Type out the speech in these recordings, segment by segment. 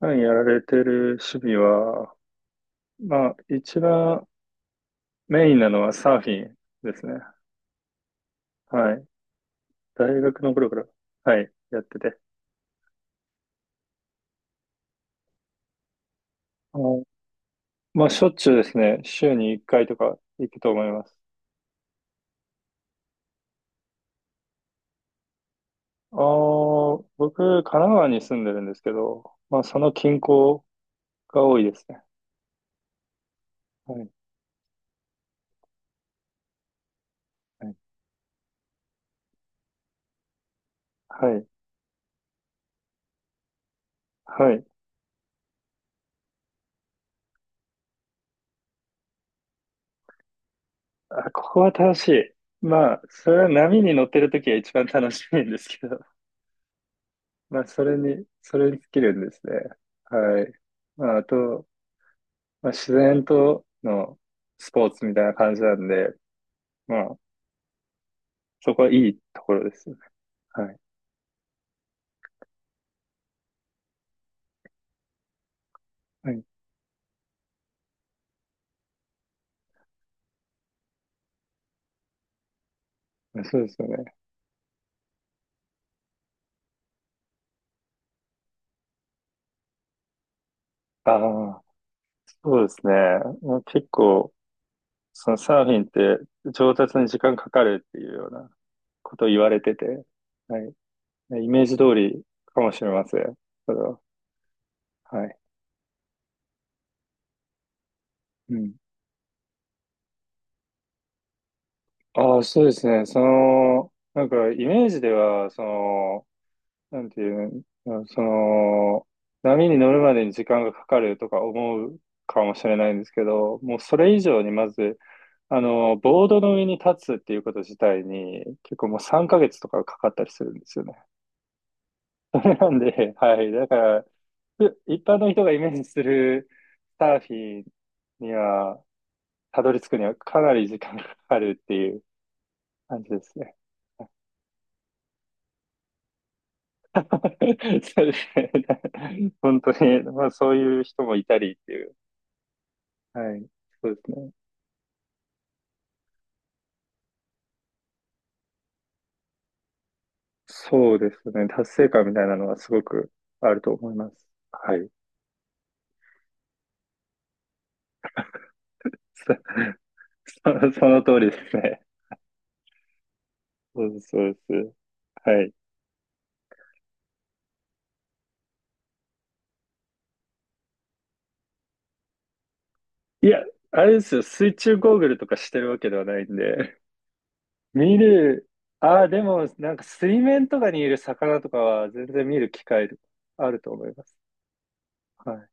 普段やられてる趣味は、まあ、一番メインなのはサーフィンですね。はい。大学の頃から、はい、やってて。あのまあ、しょっちゅうですね。週に1回とか行くと思います。僕、神奈川に住んでるんですけど、まあ、その近郊が多いですね。はい。はい。はい。はい。あ、ここは楽しい。まあ、それは波に乗ってる時は一番楽しいんですけど。まあ、それに尽きるんですね。はい。まあ、あと、まあ、自然とのスポーツみたいな感じなんで、まあ、そこはいいところですよね。はい。はい。まあそうですよね。ああ、そうですね。まあ、結構、そのサーフィンって上達に時間かかるっていうようなことを言われてて、はい。イメージ通りかもしれません。それは。はい。うん。ああ、そうですね。その、なんか、イメージでは、その、なんていうの、その、波に乗るまでに時間がかかるとか思うかもしれないんですけど、もうそれ以上にまず、ボードの上に立つっていうこと自体に、結構もう3ヶ月とかかかったりするんですよね。それなんで、はい。だから、一般の人がイメージするサーフィンには、たどり着くにはかなり時間がかかるっていう感じですね。そうですね。本当に、まあそういう人もいたりっていう。はい。そうですね。そうですね。達成感みたいなのはすごくあると思います。はい。そ、その通りですね。そうです、そうです。はい。いや、あれですよ。水中ゴーグルとかしてるわけではないんで。見る、ああ、でも、なんか水面とかにいる魚とかは全然見る機会あると思います。はい。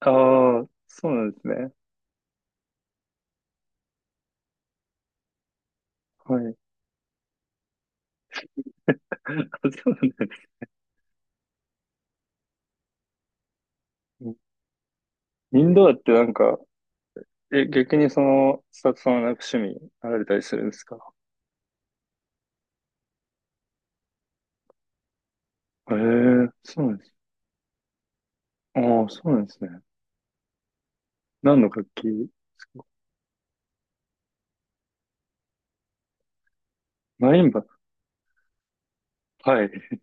ああ、そうなんですね。はい。あ、そうなんですね。インドアってなんか、え、逆にその、スタッフさんはなんか趣味あられたりするんですか？ええー、そうなんです。ああ、そうなんですね。何の楽器ですか？マリンバ。はい。え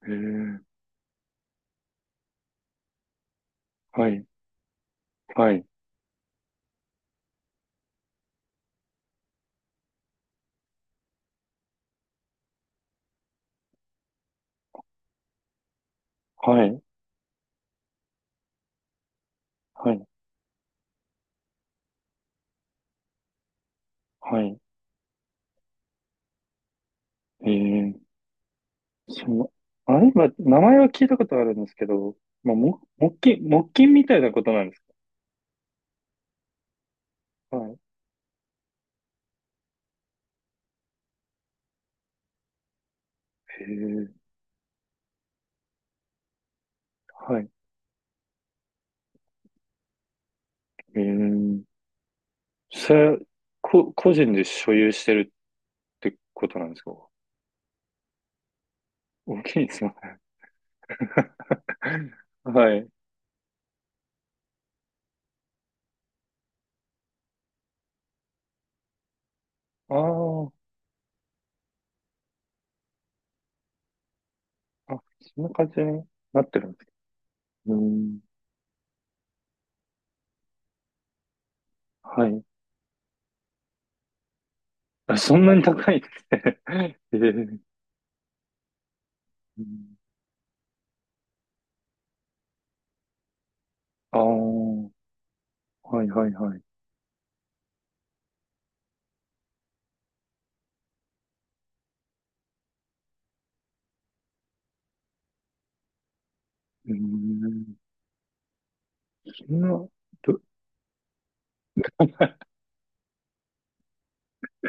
えー、はい、はい、はい、はい、はい。ええー、その、マリンバ、名前は聞いたことあるんですけど、まあ、木琴、木琴みたいなことなんですか？はい。ええー、はい。ええー、それは、個人で所有してるってことなんですか？大きいですよね。はい。ああ、あ、そんな感じになってるんですけど。うーん、はい。あ、そんなに高いって。えー、うん、ああ、はいはいはい。うーん、そんな、ど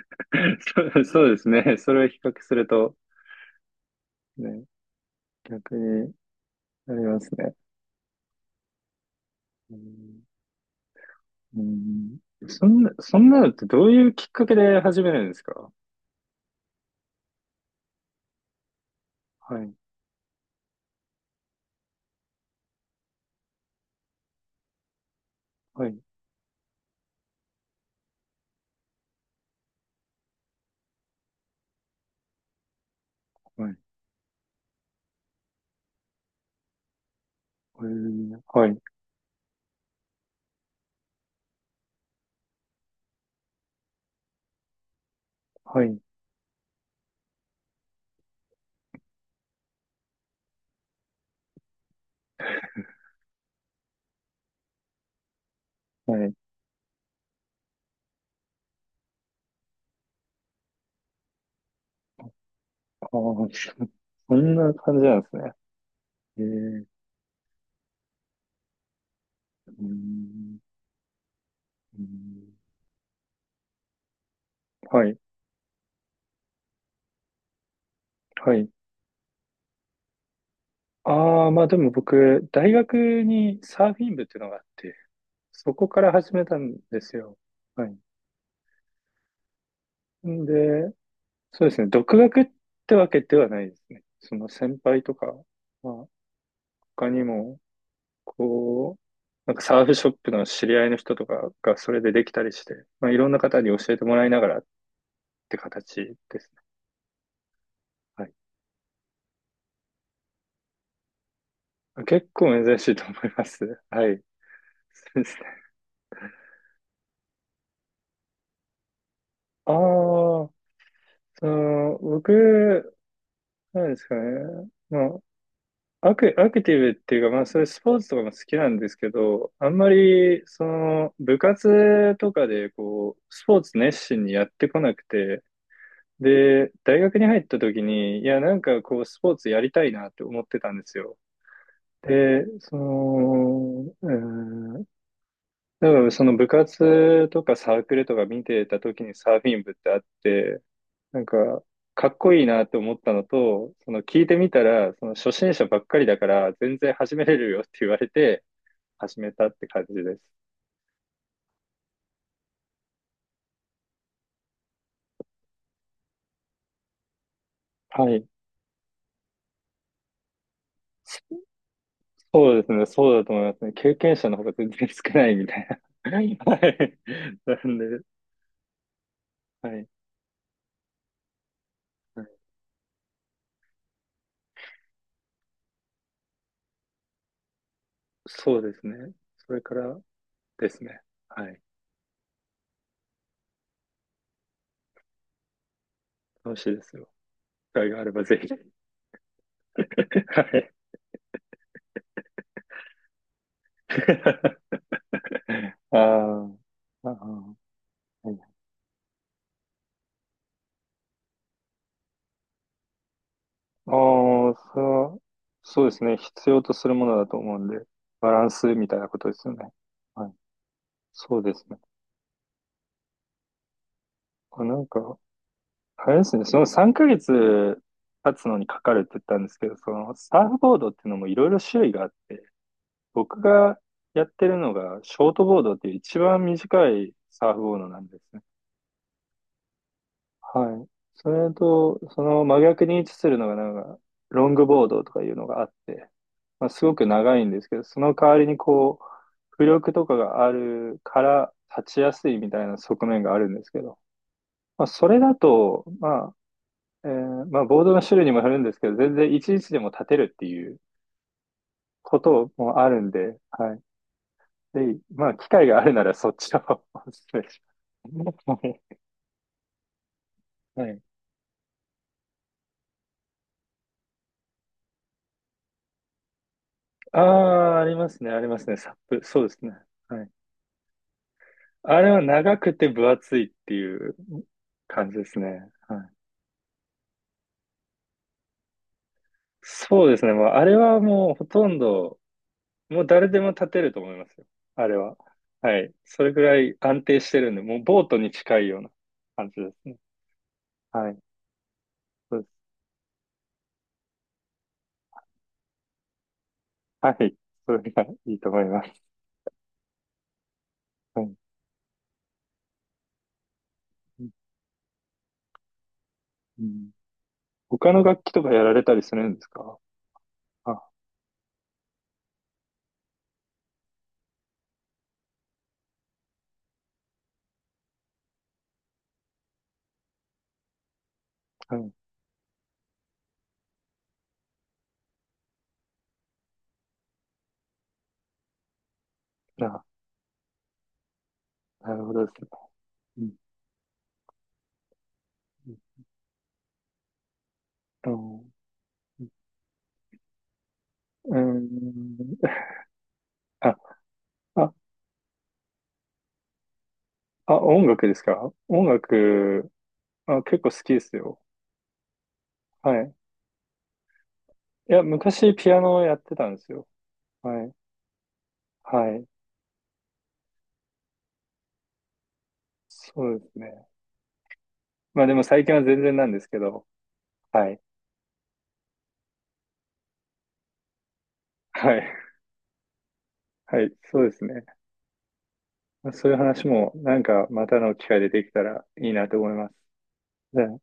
そうそうですね。それを比較すると、ね、逆になりますね。うん、うん。そんなのってどういうきっかけで始めるんですか？はい、はい、はい、はい、はい、はい。ああ、そんな感じなんですね。えうーんうーんはい、はい。ああ、まあでも僕、大学にサーフィン部っていうのがあって、そこから始めたんですよ。はい。んで、そうですね、独学ってわけではないですね。その先輩とか、まあ他にも、こう、なんかサーフショップの知り合いの人とかがそれでできたりして、まあいろんな方に教えてもらいながらって形ですね。はい。結構珍しいと思います。はい。そうですね。ああ、その、僕、なんですかね。まあ、アクティブっていうか、まあ、そういうスポーツとかも好きなんですけど、あんまり、その、部活とかで、こう、スポーツ熱心にやってこなくて、で、大学に入った時に、いや、なんかこう、スポーツやりたいなって思ってたんですよ。で、その、多分その部活とかサークルとか見てた時にサーフィン部ってあって、なんか、かっこいいなって思ったのと、その聞いてみたら、その初心者ばっかりだから全然始めれるよって言われて始めたって感じです。はい。そうですね。そうだと思いますね。経験者の方が全然少ないみたいな。はい。なんで、はい。はい、そうですね。それからですね。はい。楽しいですよ。機会があればぜひ。はい。あーあー、はい。あー、そう、そうですね。必要とするものだと思うんで、バランスみたいなことですよね。はい。そうですね。あ、なんか、あれですね。その3ヶ月経つのにかかるって言ったんですけど、そのサーフボードっていうのもいろいろ種類があって、僕がやってるのがショートボードっていう一番短いサーフボードなんですね。はい。それと、その真逆に位置するのが、なんか、ロングボードとかいうのがあって、まあ、すごく長いんですけど、その代わりにこう、浮力とかがあるから立ちやすいみたいな側面があるんですけど、まあ、それだと、まあ、まあ、ボードの種類にもよるんですけど、全然いちいちでも立てるっていうこともあるんで、はい。で、まあ、機会があるならそっちを お勧めします。はい。はい。ああ、ありますね、ありますね、サップ。そうですね。はい。あれは長くて分厚いっていう感じですね。はい。そうですね。もうあれはもうほとんど、もう誰でも立てると思いますよ。あれは。はい。それぐらい安定してるんで、もうボートに近いような感じですね。はい。そうです。はい。それがいいと思います。はい。うん。他の楽器とかやられたりするんですか？あ、はい。あ、なるほどですね。うん、うんと、うん、あ、ああ、音楽ですか？音楽、あ、結構好きですよ。はい。いや、昔ピアノをやってたんですよ。はい。はい。そうですね。まあでも最近は全然なんですけど。はい。はい。はい。そうですね。まあそういう話もなんかまたの機会でできたらいいなと思います。じゃあ、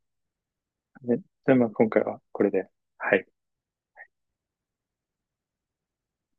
ね、じゃあまあ今回はこれで。はい。